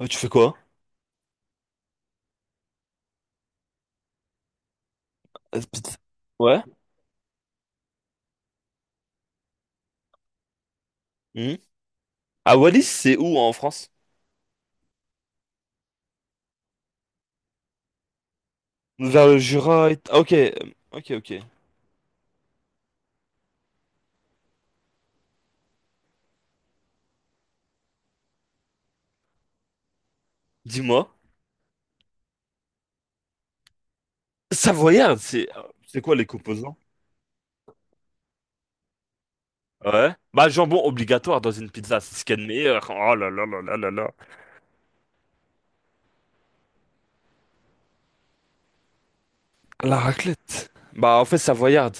Tu fais quoi? Euh, p'tit- Ouais. Mhm. À Wallis, c'est où en France? Vers le Jura et... Ah, ok, ok, ok. Dis-moi. Savoyarde, c'est... C'est quoi les composants? Ouais. Bah, jambon obligatoire dans une pizza, c'est ce qu'il y a de meilleur. Oh là là là là là là. La raclette. Bah, en fait, savoyarde.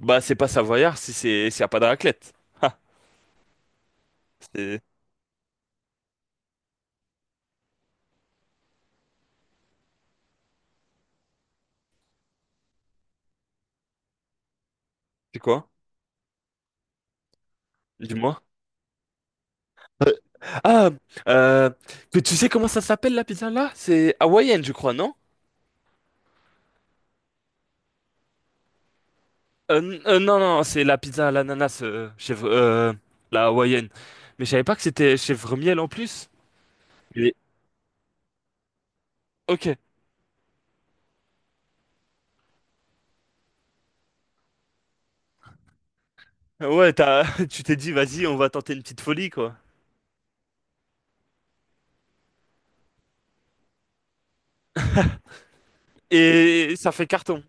Bah, c'est pas savoyard si c'est s'il y a pas de raclette. C'est... C'est quoi? Dis-moi. Ah, euh, que tu sais comment ça s'appelle la pizza là? C'est hawaïenne, je crois, non? Non, non, c'est la pizza à l'ananas, chef, la hawaïenne. Mais je savais pas que c'était chèvre miel en plus. Et- Ok. Ouais, tu t'es dit, vas-y, on va tenter une petite folie, quoi. Et ça fait carton.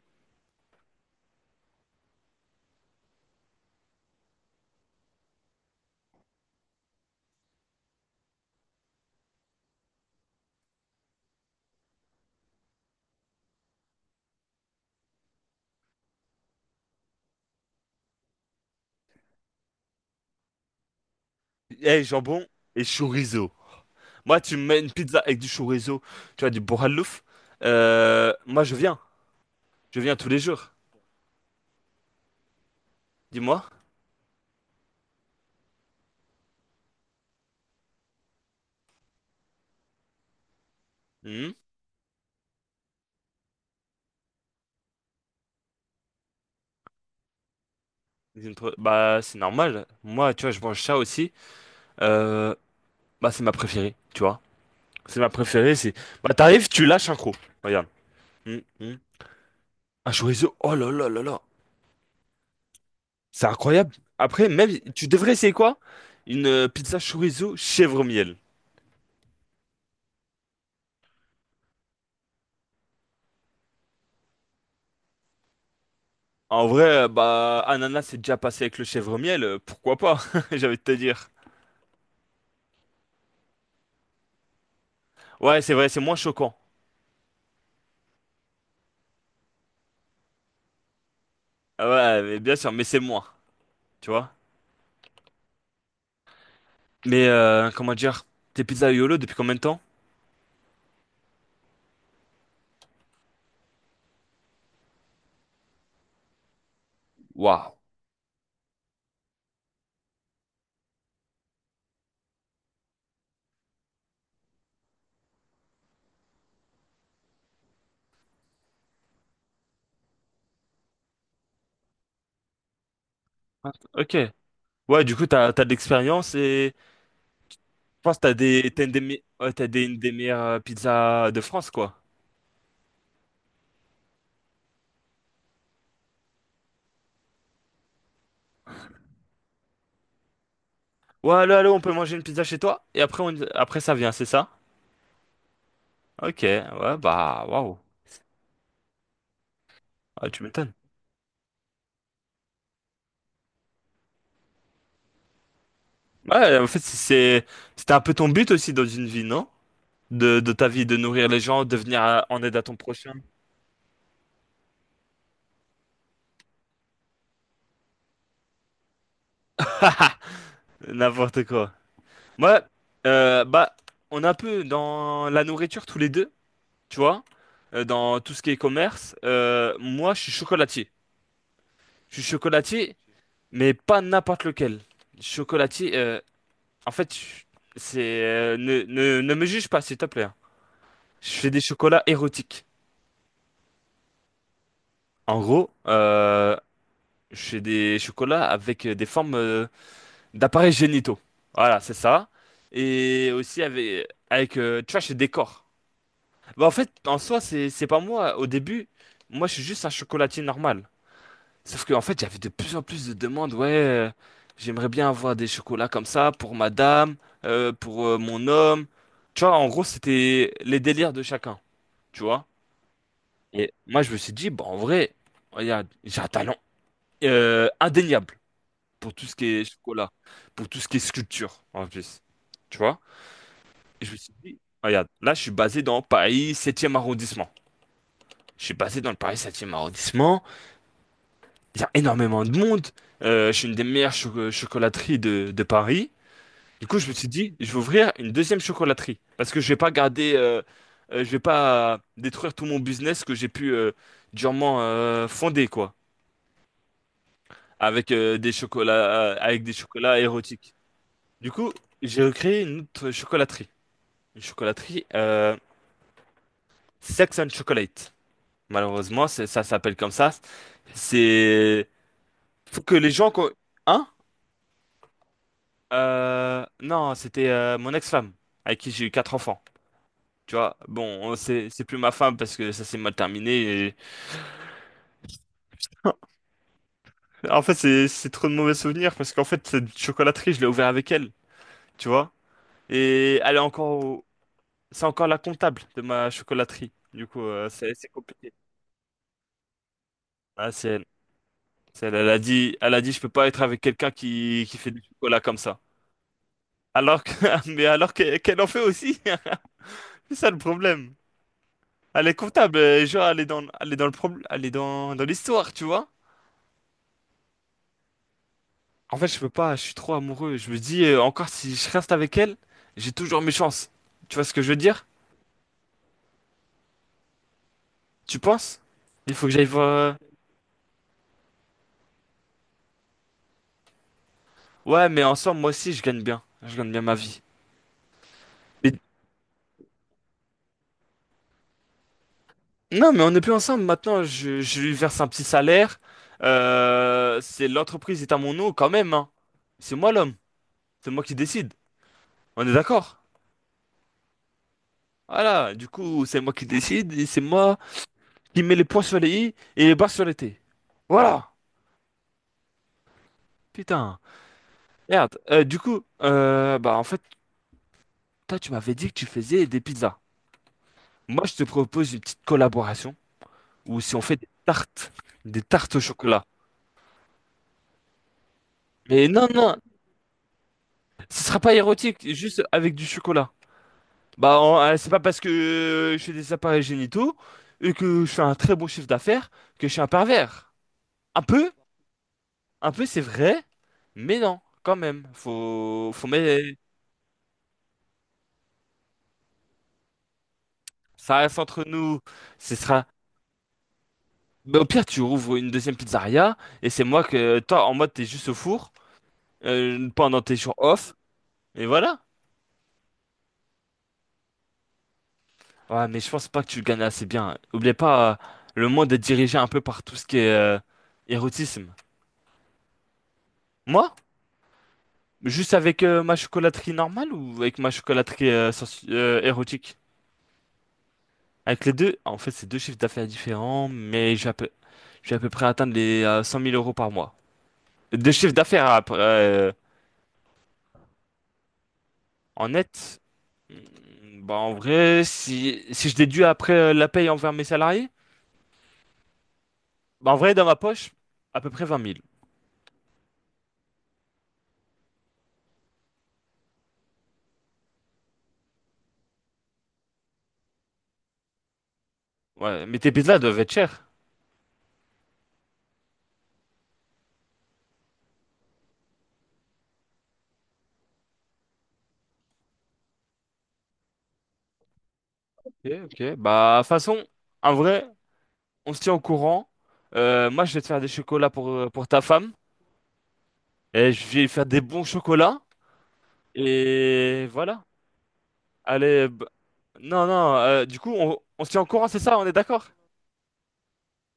Eh, jambon et chorizo. Moi, tu me mets une pizza avec du chorizo, tu vois, du bourralouf. Moi, je viens. Je viens tous les jours. Dis-moi. Hmm. Bah, c'est normal. Moi, tu vois, je mange ça aussi. Euh, Bah, c'est ma préférée, tu vois. C'est ma préférée, c'est... Bah, t'arrives, tu lâches un croc. Regarde. Hum, hum. Un chorizo, oh là là là là. C'est incroyable. Après, même, tu devrais essayer quoi? Une pizza chorizo chèvre miel. En vrai, bah, ananas, c'est déjà passé avec le chèvre miel, pourquoi pas? J'avais envie de te dire. Ouais, c'est vrai, c'est moins choquant. Ah, ouais, mais bien sûr, mais c'est moins, tu vois? Mais, comment dire? Tes pizzas YOLO depuis combien de temps? Waouh. Ok. Ouais, du coup, t'as de l'expérience et pense que t'as des, t'as une des, me- ouais, une des meilleures pizzas de France, quoi. Ouais, allô, allô, on peut manger une pizza chez toi? Et après, après ça vient, c'est ça? Ok, ouais, bah, waouh. Ah, tu m'étonnes. Ouais, en fait, c'était un peu ton but aussi dans une vie, non? De ta vie, de nourrir les gens, de venir en aide à ton prochain, n'importe quoi. Moi, bah, on est un peu dans la nourriture tous les deux, tu vois, dans tout ce qui est commerce. Moi, je suis chocolatier. Je suis chocolatier mais pas n'importe lequel. Chocolatier, en fait, c'est ne me juge pas, s'il te plaît, hein. Je fais des chocolats érotiques. En gros, je fais des chocolats avec des formes d'appareils génitaux. Voilà, c'est ça. Et aussi avec tu vois, je fais des corps. Bah, en fait, en soi, c'est pas moi. Au début, moi, je suis juste un chocolatier normal. Sauf qu'en fait, j'avais de plus en plus de demandes. Ouais, j'aimerais bien avoir des chocolats comme ça pour madame, pour mon homme. Tu vois, en gros, c'était les délires de chacun. Tu vois? Et moi, je me suis dit, bah, en vrai, regarde, j'ai un talent indéniable pour tout ce qui est chocolat, pour tout ce qui est sculpture, en plus. Tu vois? Et je me suis dit, regarde, là, je suis basé dans Paris 7e arrondissement. Je suis basé dans le Paris 7e arrondissement. Il y a énormément de monde. Je suis une des meilleures chocolateries de Paris. Du coup, je me suis dit, je vais ouvrir une deuxième chocolaterie. Parce que je vais pas garder, je vais pas détruire tout mon business que j'ai pu durement fonder, quoi. Avec des chocolats, avec des chocolats érotiques. Du coup, j'ai recréé une autre chocolaterie. Une chocolaterie Sex and Chocolate. Malheureusement, ça s'appelle comme ça. C'est... Faut que les gens... Hein? Non, c'était mon ex-femme, avec qui j'ai eu quatre enfants. Tu vois, bon, c'est plus ma femme parce que ça s'est mal terminé. En fait, c'est trop de mauvais souvenirs parce qu'en fait, cette chocolaterie, je l'ai ouverte avec elle, tu vois. Et elle est encore, c'est encore la comptable de ma chocolaterie. Du coup, c'est compliqué. Ah, c'est elle. C'est elle. Elle a dit, je peux pas être avec quelqu'un qui fait du chocolat comme ça. Alors que, mais qu'elle en fait aussi. C'est ça le problème. Elle est comptable, genre elle est dans le problème, elle est dans l'histoire, tu vois. En fait, je peux pas, je suis trop amoureux. Je me dis, encore si je reste avec elle, j'ai toujours mes chances. Tu vois ce que je veux dire? Tu penses? Il faut que j'aille voir. Ouais, mais ensemble, moi aussi, je gagne bien. Je gagne bien ma vie. Mais- Non, mais on n'est plus ensemble maintenant. Je lui verse un petit salaire. C'est L'entreprise est à mon nom quand même, hein. C'est moi l'homme. C'est moi qui décide. On est d'accord? Voilà. Du coup, c'est moi qui décide et c'est moi qui met les points sur les i et les bas sur les t. Voilà. Putain. Merde. Du coup, bah en fait, toi, tu m'avais dit que tu faisais des pizzas. Moi, je te propose une petite collaboration où si on fait des tartes au chocolat. Mais non, non, ce sera pas érotique, juste avec du chocolat. Bah, c'est pas parce que je fais des appareils génitaux et que je fais un très bon chiffre d'affaires que je suis un pervers. Un peu, un peu, c'est vrai, mais non, quand même. Faut mettre. Ça reste entre nous. Ce sera. Mais au pire, tu rouvres une deuxième pizzeria et c'est moi que toi en mode t'es juste au four pendant tes jours off et voilà. Ouais, mais je pense pas que tu le gagnes assez bien. Oublie pas, le monde est dirigé un peu par tout ce qui est érotisme. Moi, juste avec ma chocolaterie normale ou avec ma chocolaterie érotique? Avec les deux, en fait, c'est deux chiffres d'affaires différents, mais je vais à peu près atteindre les 100 000 euros par mois. Deux chiffres d'affaires après, en net. Hmm, bah en vrai, si je déduis après la paye envers mes salariés, bah en vrai, dans ma poche, à peu près 20 000. Ouais, mais tes pizzas doivent être chères. Ok, ok. Bah, de toute façon, en vrai, on se tient au courant. Moi, je vais te faire des chocolats pour ta femme. Et je vais lui faire des bons chocolats. Et voilà. Allez, non, non, du coup, on se tient au courant, c'est ça? On est d'accord?